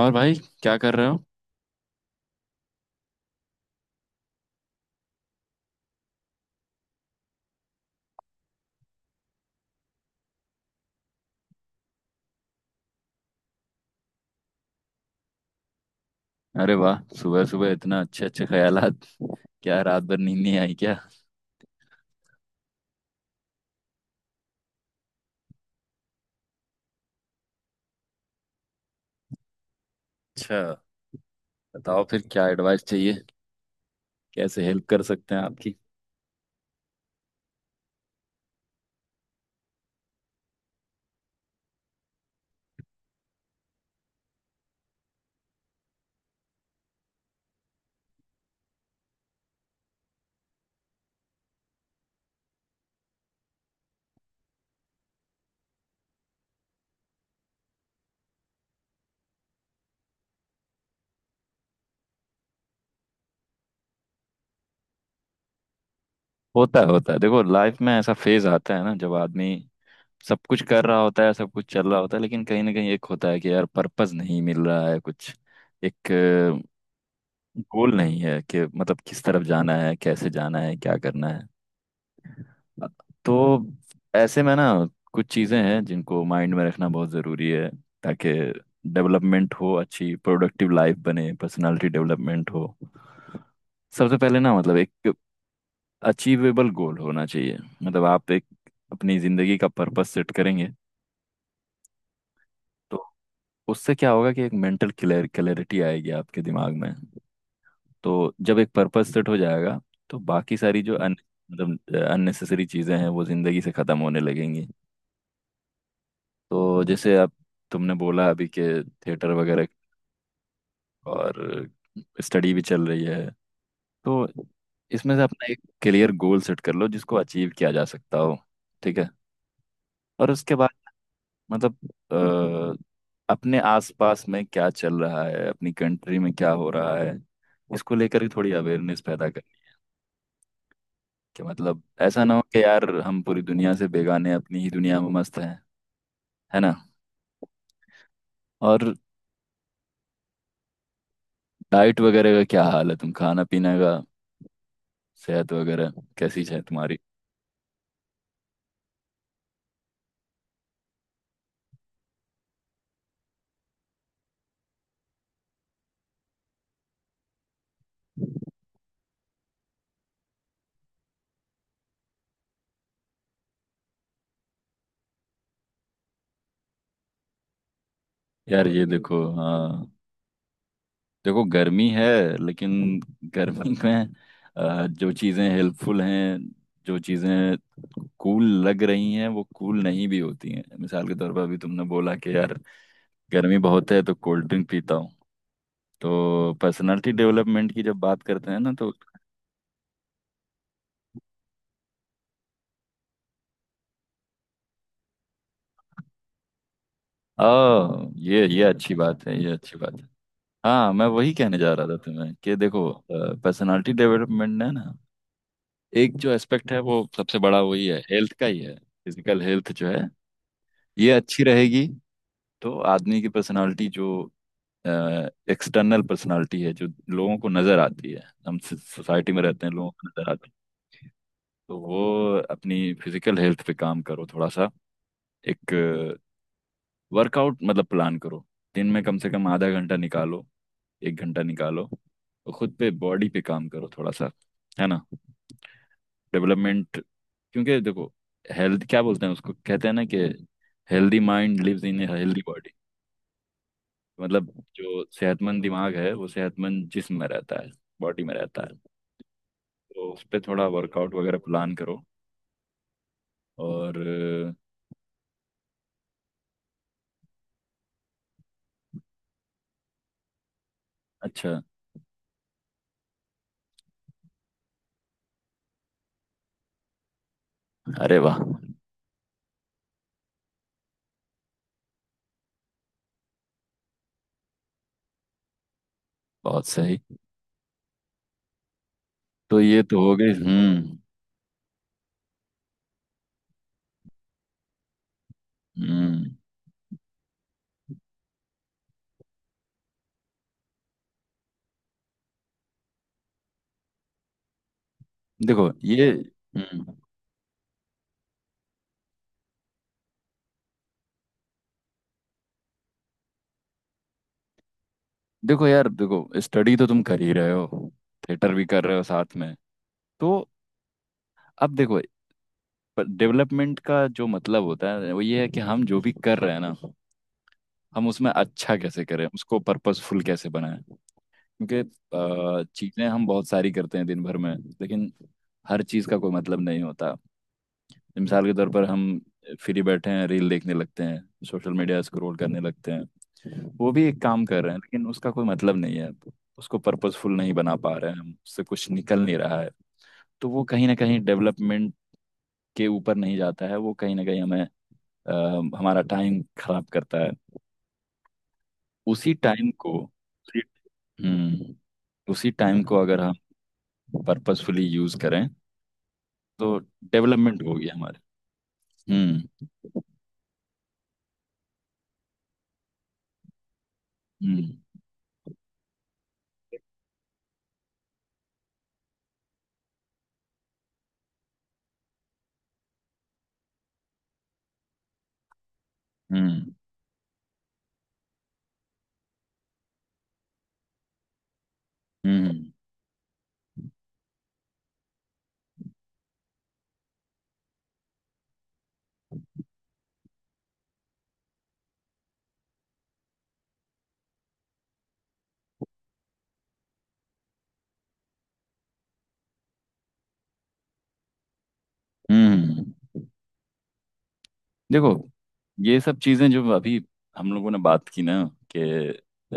और भाई, क्या कर रहे हो? अरे वाह, सुबह सुबह इतना अच्छे अच्छे ख्यालात। क्या रात भर नींद नहीं आई क्या? अच्छा, बताओ फिर क्या एडवाइस चाहिए, कैसे हेल्प कर सकते हैं आपकी। होता है। देखो, लाइफ में ऐसा फेज आता है ना, जब आदमी सब कुछ कर रहा होता है, सब कुछ चल रहा होता है, लेकिन कहीं ना कहीं एक होता है कि यार पर्पस नहीं मिल रहा है, कुछ एक गोल नहीं है कि मतलब किस तरफ जाना है, कैसे जाना है, क्या करना है। तो ऐसे में ना, कुछ चीज़ें हैं जिनको माइंड में रखना बहुत ज़रूरी है, ताकि डेवलपमेंट हो, अच्छी प्रोडक्टिव लाइफ बने, पर्सनालिटी डेवलपमेंट हो। सबसे पहले ना, मतलब एक अचीवेबल गोल होना चाहिए। मतलब आप एक अपनी ज़िंदगी का पर्पस सेट करेंगे, तो उससे क्या होगा कि एक मेंटल क्लियर क्लैरिटी आएगी आपके दिमाग में। तो जब एक पर्पस सेट हो जाएगा, तो बाकी सारी जो अन मतलब अननेसेसरी चीज़ें हैं, वो ज़िंदगी से ख़त्म होने लगेंगी। तो जैसे आप, तुमने बोला अभी के थिएटर वगैरह, और स्टडी भी चल रही है, तो इसमें से अपना एक क्लियर गोल सेट कर लो जिसको अचीव किया जा सकता हो। ठीक है, और उसके बाद मतलब अपने आसपास में क्या चल रहा है, अपनी कंट्री में क्या हो रहा है, इसको लेकर के थोड़ी अवेयरनेस पैदा करें। कि मतलब ऐसा ना हो कि यार हम पूरी दुनिया से बेगाने अपनी ही दुनिया में मस्त हैं, है ना। और डाइट वगैरह का क्या हाल है, तुम खाना पीना का, सेहत वगैरह कैसी है तुम्हारी? यार ये बहुत, देखो, हाँ, देखो गर्मी है, लेकिन गर्मी में जो चीज़ें हेल्पफुल हैं, जो चीज़ें कूल लग रही हैं वो कूल नहीं भी होती हैं। मिसाल के तौर पर अभी तुमने बोला कि यार गर्मी बहुत है तो कोल्ड ड्रिंक पीता हूँ, तो पर्सनालिटी डेवलपमेंट की जब बात करते हैं ना, तो ये अच्छी बात है, ये अच्छी बात है। हाँ, मैं वही कहने जा रहा था तुम्हें कि देखो, पर्सनालिटी डेवलपमेंट है ना, एक जो एस्पेक्ट है वो सबसे बड़ा वही है, हेल्थ का ही है। फिजिकल हेल्थ जो है, ये अच्छी रहेगी, तो आदमी की पर्सनालिटी जो एक्सटर्नल पर्सनालिटी है, जो लोगों को नजर आती है, हम सोसाइटी में रहते हैं, लोगों को नजर आती है, तो वो अपनी फिजिकल हेल्थ पे काम करो थोड़ा सा। एक वर्कआउट मतलब प्लान करो, दिन में कम से कम आधा घंटा निकालो, एक घंटा निकालो, और खुद पे, बॉडी पे काम करो थोड़ा सा, है ना। डेवलपमेंट, क्योंकि देखो, हेल्थ क्या बोलते हैं उसको, कहते हैं ना कि healthy mind lives in healthy body. मतलब जो सेहतमंद दिमाग है वो सेहतमंद जिस्म में रहता है, बॉडी में रहता है। तो उस पर थोड़ा वर्कआउट वगैरह प्लान करो। और अच्छा, अरे वाह, बहुत सही। तो ये तो हो गई। हम्म। हम्म। देखो ये। हम्म। देखो यार, देखो स्टडी तो तुम कर ही रहे हो, थिएटर भी कर रहे हो साथ में, तो अब देखो, पर डेवलपमेंट का जो मतलब होता है वो ये है कि हम जो भी कर रहे हैं ना, हम उसमें अच्छा कैसे करें, उसको पर्पसफुल कैसे बनाएं। क्योंकि चीज़ें हम बहुत सारी करते हैं दिन भर में, लेकिन हर चीज़ का कोई मतलब नहीं होता। मिसाल के तौर पर हम फ्री बैठे हैं, रील देखने लगते हैं, सोशल मीडिया स्क्रॉल करने लगते हैं, वो भी एक काम कर रहे हैं, लेकिन उसका कोई मतलब नहीं है। उसको पर्पसफुल नहीं बना पा रहे हैं हम, उससे कुछ निकल नहीं रहा है। तो वो कहीं ना कहीं डेवलपमेंट के ऊपर नहीं जाता है, वो कहीं ना कहीं हमें अ, हमारा टाइम खराब करता है। उसी टाइम को उसी- हम्म। उसी टाइम को अगर हम पर्पसफुली यूज करें, तो डेवलपमेंट होगी हमारे। हम्म। हम्म। हम्म। हम्म। हम्म। हम्म। देखो ये सब चीजें जो अभी हम लोगों ने बात की ना, कि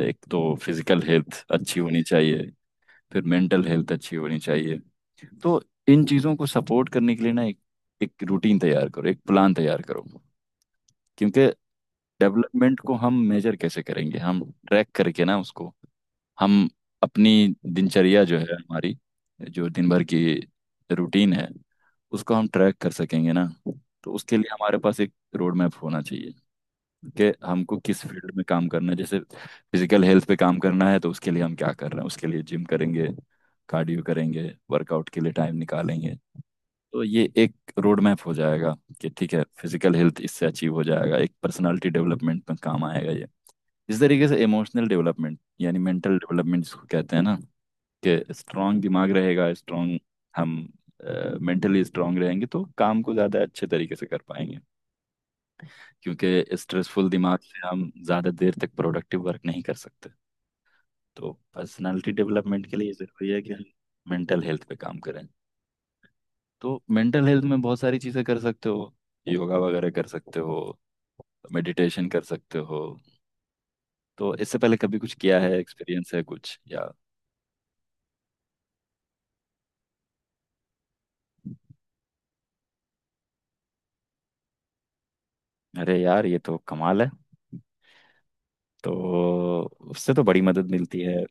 एक तो फिजिकल हेल्थ अच्छी होनी चाहिए, फिर मेंटल हेल्थ अच्छी होनी चाहिए, तो इन चीजों को सपोर्ट करने के लिए ना, एक एक रूटीन तैयार करो, एक प्लान तैयार करो। क्योंकि डेवलपमेंट को हम मेजर कैसे करेंगे, हम ट्रैक करके ना उसको। हम अपनी दिनचर्या जो है हमारी, जो दिन भर की रूटीन है, उसको हम ट्रैक कर सकेंगे ना। तो उसके लिए हमारे पास एक रोड मैप होना चाहिए कि हमको किस फील्ड में काम करना है। जैसे फिजिकल हेल्थ पे काम करना है, तो उसके लिए हम क्या कर रहे हैं, उसके लिए जिम करेंगे, कार्डियो करेंगे, वर्कआउट के लिए टाइम निकालेंगे। तो ये एक रोड मैप हो जाएगा कि ठीक है, फिजिकल हेल्थ इससे अचीव हो जाएगा, एक पर्सनालिटी डेवलपमेंट में काम आएगा ये। इस तरीके से इमोशनल डेवलपमेंट यानी मेंटल डेवलपमेंट जिसको कहते हैं ना, कि स्ट्रांग दिमाग रहेगा, स्ट्रांग हम मेंटली स्ट्रांग रहेंगे, तो काम को ज़्यादा अच्छे तरीके से कर पाएंगे। क्योंकि स्ट्रेसफुल दिमाग से हम ज़्यादा देर तक प्रोडक्टिव वर्क नहीं कर सकते। तो पर्सनालिटी डेवलपमेंट के लिए ज़रूरी है कि हम मेंटल हेल्थ पे काम करें। तो मेंटल हेल्थ में बहुत सारी चीज़ें कर सकते हो, योगा वगैरह कर सकते हो, मेडिटेशन कर सकते हो। तो इससे पहले कभी कुछ किया है, एक्सपीरियंस है कुछ या? अरे यार, ये तो कमाल है। तो उससे तो बड़ी मदद मिलती है।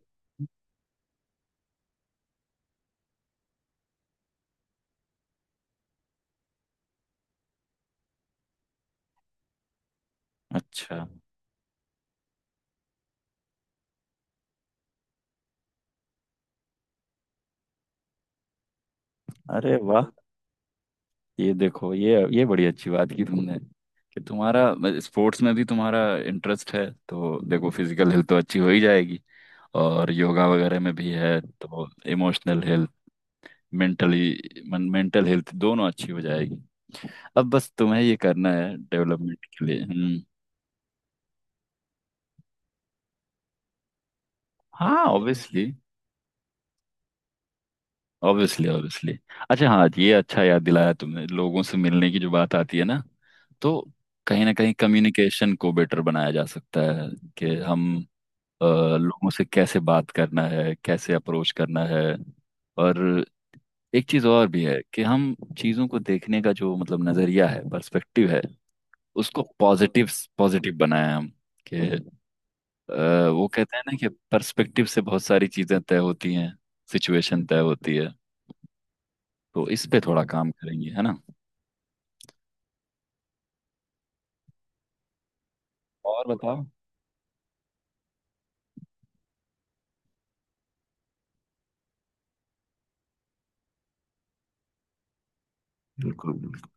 अच्छा, अरे वाह, ये देखो, ये बड़ी अच्छी बात की तुमने, कि तुम्हारा स्पोर्ट्स में भी तुम्हारा इंटरेस्ट है, तो देखो फिजिकल हेल्थ तो अच्छी हो ही जाएगी, और योगा वगैरह में भी है तो इमोशनल हेल्थ, मेंटल हेल्थ दोनों अच्छी हो जाएगी। अब बस तुम्हें ये करना है डेवलपमेंट के लिए। हम्म। हाँ ऑब्वियसली, ऑब्वियसली ऑब्वियसली। अच्छा, हाँ ये अच्छा याद दिलाया तुमने, लोगों से मिलने की जो बात आती है ना, तो कहीं ना कहीं कम्युनिकेशन को बेटर बनाया जा सकता है कि हम लोगों से कैसे बात करना है, कैसे अप्रोच करना है। और एक चीज और भी है कि हम चीजों को देखने का जो मतलब नजरिया है, पर्सपेक्टिव है, उसको पॉजिटिव, पॉजिटिव बनाया हम। कि वो कहते हैं ना कि पर्सपेक्टिव से बहुत सारी चीजें तय होती हैं, सिचुएशन तय होती है। तो इस पे थोड़ा काम करेंगे, है ना। और बताओ। बिल्कुल बिल्कुल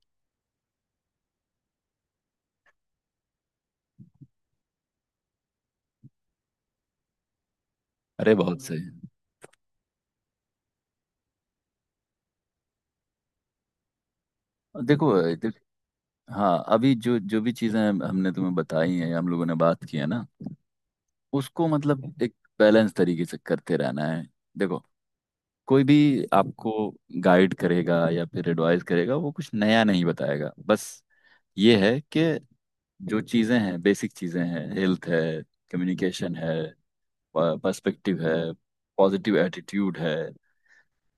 अरे बहुत सही। देखो देख, हाँ, अभी जो जो भी चीजें हमने तुम्हें बताई हैं, हम लोगों ने बात की है ना, उसको मतलब एक बैलेंस तरीके से करते रहना है। देखो, कोई भी आपको गाइड करेगा या फिर एडवाइस करेगा, वो कुछ नया नहीं बताएगा, बस ये है कि जो चीजें हैं, बेसिक चीजें हैं, हेल्थ है, कम्युनिकेशन है, पर्सपेक्टिव है, पॉजिटिव एटीट्यूड है,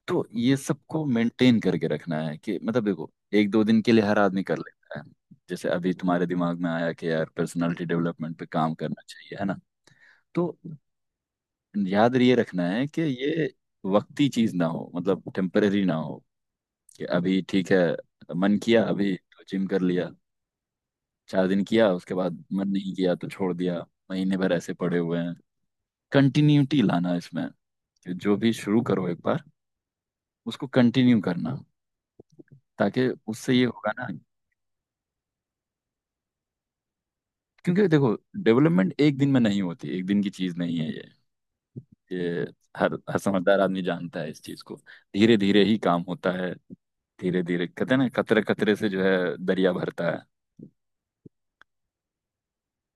तो ये सबको मेंटेन करके रखना है। कि मतलब देखो, एक दो दिन के लिए हर आदमी कर लेता है। जैसे अभी तुम्हारे दिमाग में आया कि यार पर्सनालिटी डेवलपमेंट पे काम करना चाहिए, है ना, तो याद ये रखना है कि ये वक्ती चीज ना हो, मतलब टेम्परेरी ना हो। कि अभी ठीक है, मन किया अभी तो जिम कर लिया, चार दिन किया उसके बाद मन नहीं किया तो छोड़ दिया, महीने भर ऐसे पड़े हुए हैं। कंटिन्यूटी लाना इसमें, कि जो भी शुरू करो एक बार, उसको कंटिन्यू करना, ताकि उससे ये होगा ना। क्योंकि देखो, डेवलपमेंट एक दिन में नहीं होती, एक दिन की चीज नहीं है ये। ये हर हर समझदार आदमी जानता है इस चीज को। धीरे धीरे ही काम होता है। धीरे धीरे, कहते हैं ना कतरे कतरे से जो है, दरिया भरता है।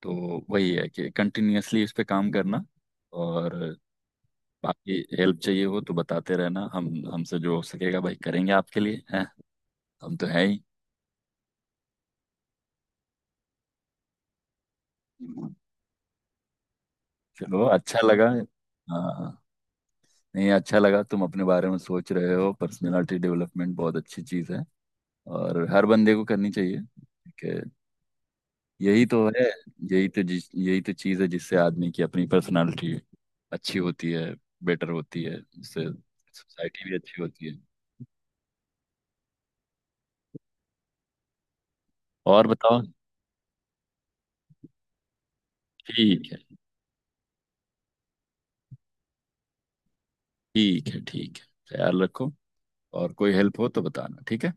तो वही है कि कंटिन्यूअसली इस पे काम करना। और बाकी हेल्प चाहिए हो तो बताते रहना, हम, हमसे जो हो सकेगा भाई करेंगे आपके लिए, हैं, हम तो है ही। चलो, अच्छा लगा। हाँ, नहीं, अच्छा लगा तुम अपने बारे में सोच रहे हो, पर्सनालिटी डेवलपमेंट बहुत अच्छी चीज़ है, और हर बंदे को करनी चाहिए। कि यही तो है, यही तो चीज़ है जिससे आदमी की अपनी पर्सनालिटी अच्छी होती है, बेटर होती है, उससे सोसाइटी भी अच्छी होती है। और बताओ। ठीक है, ठीक है, ठीक है, ख्याल रखो, और कोई हेल्प हो तो बताना, ठीक है।